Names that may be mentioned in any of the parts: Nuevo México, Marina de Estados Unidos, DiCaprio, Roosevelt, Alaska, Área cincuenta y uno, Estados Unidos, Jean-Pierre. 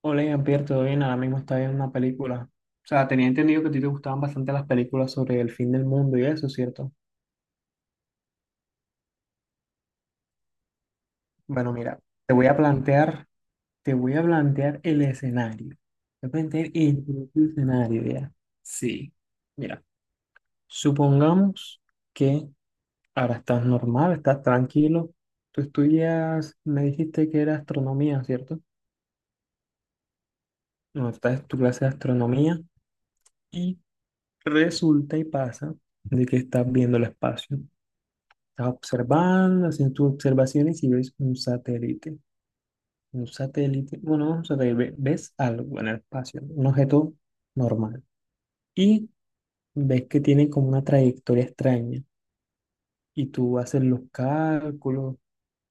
Hola, Jean-Pierre, ¿todo bien? Ahora mismo estaba viendo una película. O sea, tenía entendido que a ti te gustaban bastante las películas sobre el fin del mundo y eso, ¿cierto? Bueno, mira, te voy a plantear, te voy a plantear el escenario. Te voy a plantear el propio escenario, ¿ya? Sí. Mira, supongamos que ahora estás normal, estás tranquilo. Tú estudias, me dijiste que era astronomía, ¿cierto? No, estás en tu clase de astronomía y resulta y pasa de que estás viendo el espacio. Estás observando, haciendo tus observaciones y ves un satélite. Un satélite, bueno, no es un satélite, ves algo en el espacio, un objeto normal. Y ves que tiene como una trayectoria extraña. Y tú haces los cálculos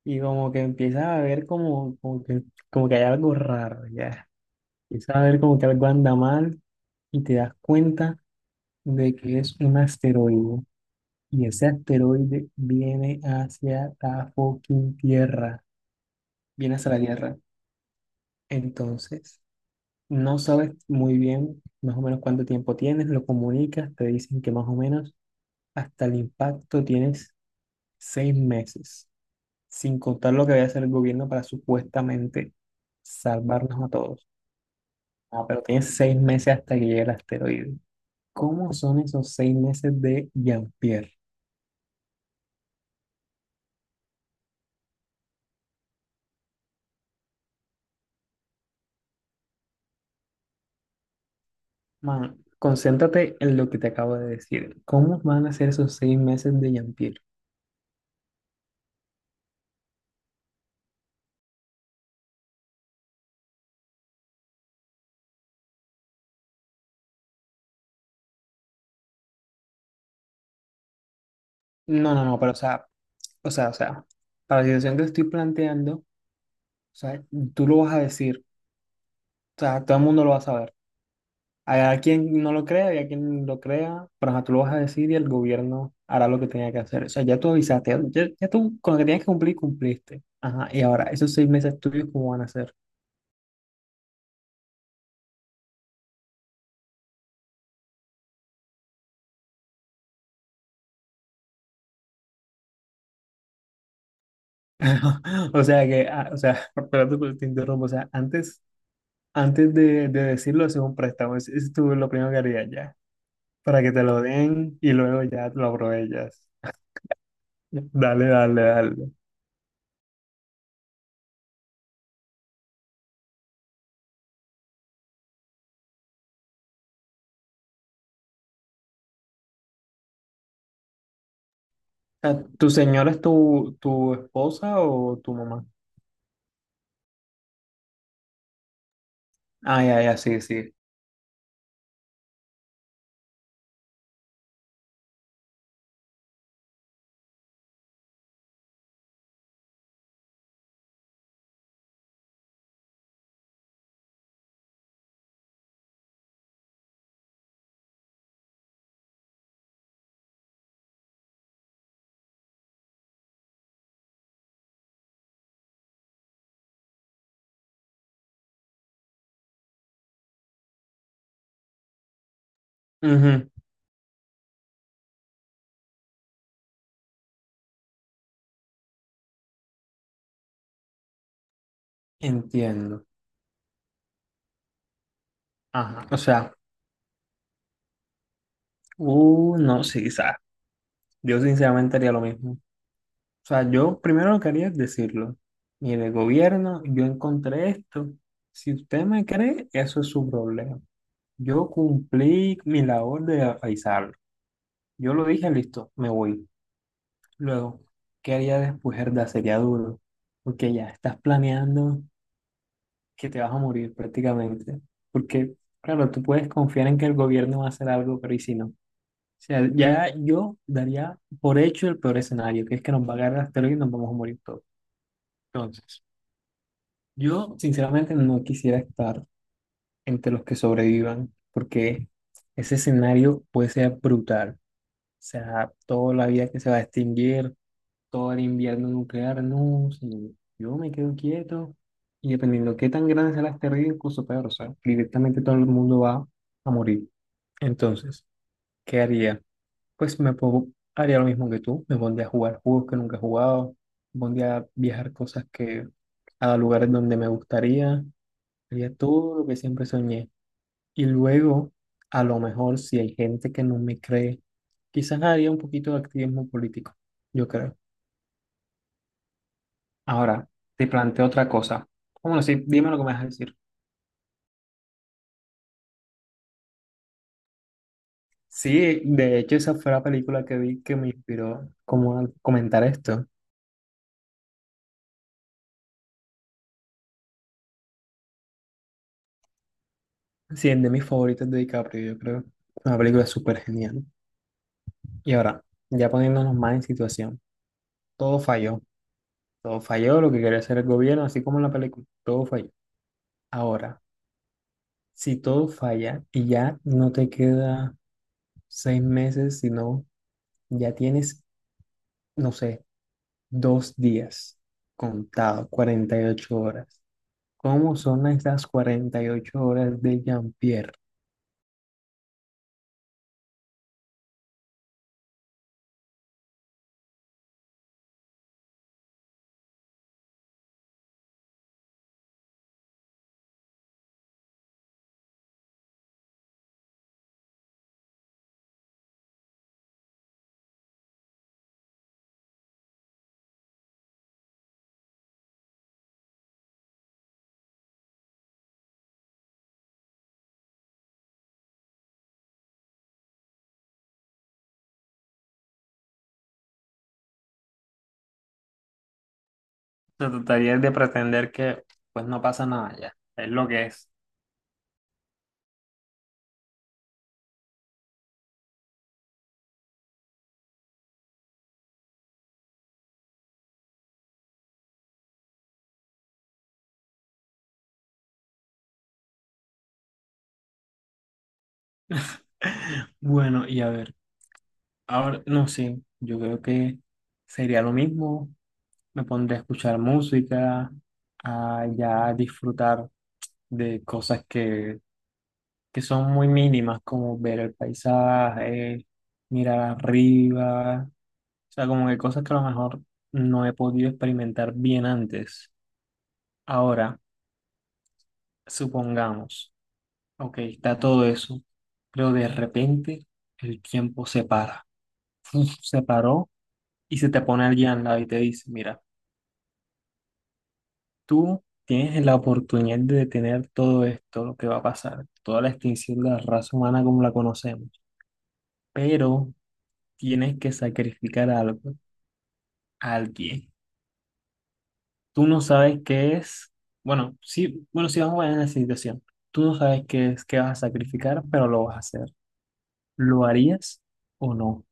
y como que empiezas a ver como que hay algo raro, ya. Empiezas a ver como que algo anda mal y te das cuenta de que es un asteroide. Y ese asteroide viene hacia la fucking Tierra. Viene hacia la Tierra. Entonces, no sabes muy bien más o menos cuánto tiempo tienes, lo comunicas, te dicen que más o menos hasta el impacto tienes 6 meses, sin contar lo que vaya a hacer el gobierno para supuestamente salvarnos a todos. Ah, pero tienes 6 meses hasta que llegue el asteroide. ¿Cómo son esos 6 meses de Jean-Pierre? Man, concéntrate en lo que te acabo de decir. ¿Cómo van a ser esos 6 meses de Jean-Pierre? No, no, no, pero o sea, para la situación que estoy planteando, o sea, tú lo vas a decir. O sea, todo el mundo lo va a saber. Hay quien no lo crea y a quien lo crea, pero ajá, tú lo vas a decir y el gobierno hará lo que tenga que hacer. O sea, ya tú avisaste, ya, ya tú con lo que tenías que cumplir, cumpliste. Ajá, y ahora, esos 6 meses tuyos, ¿cómo van a ser? O sea, que, ah, o sea, perdón, pero te interrumpo. O sea, antes, antes de decirlo, es un préstamo. Es tú lo primero que harías ya, para que te lo den y luego ya lo aprovechas. Dale, dale, dale. Sea, ¿tu señora es tu, tu esposa o tu mamá? Ah, ya, ya, sí, sí. Ujú. Entiendo. Ajá. O sea, no, sí, sabes. Yo sinceramente haría lo mismo. O sea, yo primero lo que haría es decirlo. Mire, gobierno, yo encontré esto. Si usted me cree, eso es su problema. Yo cumplí mi labor de avisarlo. Yo lo dije, listo, me voy. Luego, ¿qué haría después? Herda, sería duro. Porque ya estás planeando que te vas a morir prácticamente. Porque, claro, tú puedes confiar en que el gobierno va a hacer algo, pero ¿y si no? O sea, ya yo daría por hecho el peor escenario, que es que nos va a agarrar el asteroide y nos vamos a morir todos. Entonces, yo sinceramente no quisiera estar entre los que sobrevivan, porque ese escenario puede ser brutal. O sea, toda la vida que se va a extinguir, todo el invierno nuclear, no, señor. Yo me quedo quieto y dependiendo qué tan grande sea la asteroide, incluso peor, o sea, directamente todo el mundo va a morir. Entonces, ¿qué haría? Pues me pongo- Haría lo mismo que tú, me pondría a jugar juegos que nunca he jugado, me pondría a viajar cosas que a lugares donde me gustaría, haría todo lo que siempre soñé. Y luego, a lo mejor, si hay gente que no me cree, quizás haría un poquito de activismo político, yo creo. Ahora, te planteo otra cosa. Bueno, sí, dime lo que me vas a decir. Sí, de hecho, esa fue la película que vi que me inspiró como a comentar esto. Sí, es de mis favoritos de DiCaprio, yo creo. Una película súper genial. Y ahora, ya poniéndonos más en situación, todo falló. Todo falló lo que quería hacer el gobierno, así como en la película. Todo falló. Ahora, si todo falla y ya no te queda 6 meses, sino ya tienes, no sé, 2 días contado, 48 horas. ¿Cómo son estas 48 horas de Jean-Pierre? Se trataría de pretender que pues no pasa nada ya, es lo que es. Bueno, y a ver, ahora no sé, yo creo que sería lo mismo. Me pondré a escuchar música, a ya disfrutar de cosas que son muy mínimas, como ver el paisaje, mirar arriba, o sea, como que cosas que a lo mejor no he podido experimentar bien antes. Ahora, supongamos, ok, está todo eso, pero de repente el tiempo se para. Uf, se paró y se te pone alguien al lado y te dice, mira, tú tienes la oportunidad de detener todo esto, lo que va a pasar, toda la extinción de la raza humana como la conocemos, pero tienes que sacrificar algo, a alguien. Tú no sabes qué es, bueno, sí, bueno, sí vamos a ver en la situación. Tú no sabes qué es, qué vas a sacrificar, pero lo vas a hacer. ¿Lo harías o no?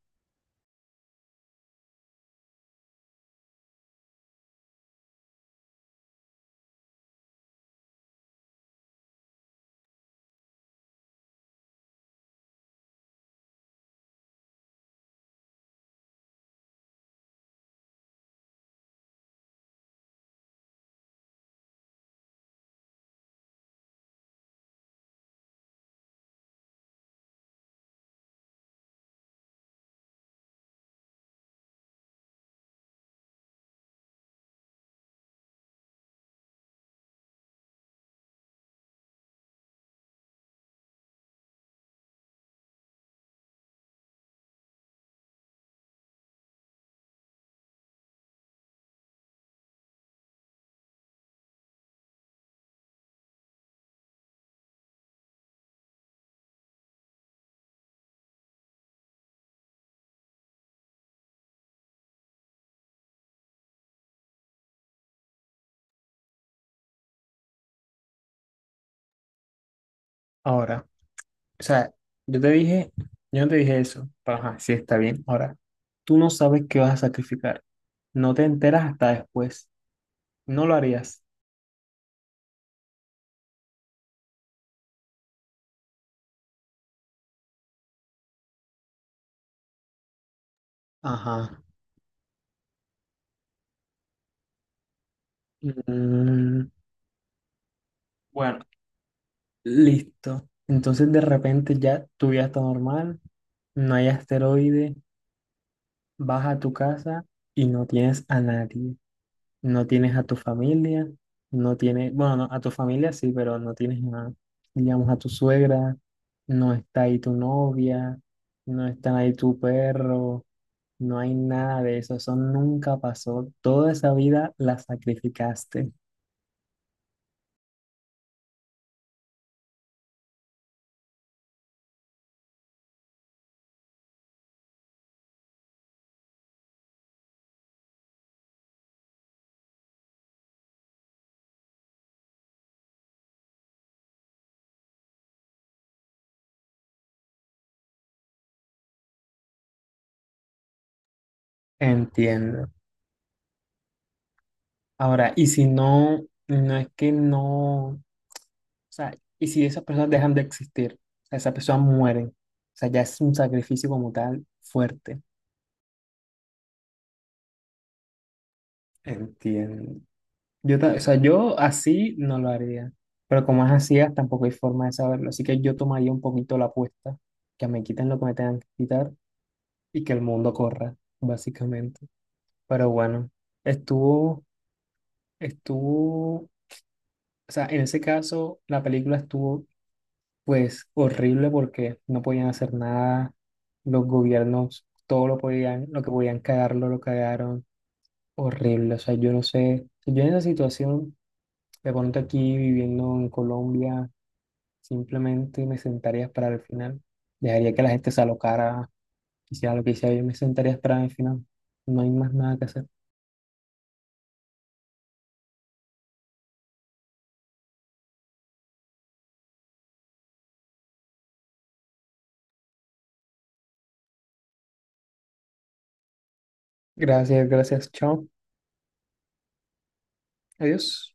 Ahora. O sea, yo te dije, yo no te dije eso, pero ajá, sí está bien. Ahora, tú no sabes qué vas a sacrificar. No te enteras hasta después. No lo harías. Ajá. Mm, bueno, listo. Entonces de repente ya tu vida está normal, no hay asteroide, vas a tu casa y no tienes a nadie. No tienes a tu familia, no tienes, bueno, no, a tu familia sí, pero no tienes a, digamos, a tu suegra, no está ahí tu novia, no está ahí tu perro, no hay nada de eso, eso nunca pasó. Toda esa vida la sacrificaste. Entiendo. Ahora, y si no, no es que no, o sea, y si esas personas dejan de existir, o sea, esas personas mueren, o sea, ya es un sacrificio como tal fuerte. Entiendo. Yo, o sea, yo así no lo haría, pero como es así, ah, tampoco hay forma de saberlo, así que yo tomaría un poquito la apuesta, que me quiten lo que me tengan que quitar y que el mundo corra, básicamente. Pero bueno, estuvo, estuvo, o sea, en ese caso la película estuvo pues horrible porque no podían hacer nada, los gobiernos todo lo podían, lo que podían cagarlo, lo cagaron, horrible, o sea, yo no sé, yo en esa situación, de pronto aquí viviendo en Colombia simplemente me sentaría a esperar el final. Dejaría que la gente se alocara, hiciera lo que hiciera, yo me sentaría a esperar el final. No hay más nada que hacer. Gracias, gracias, chao. Adiós.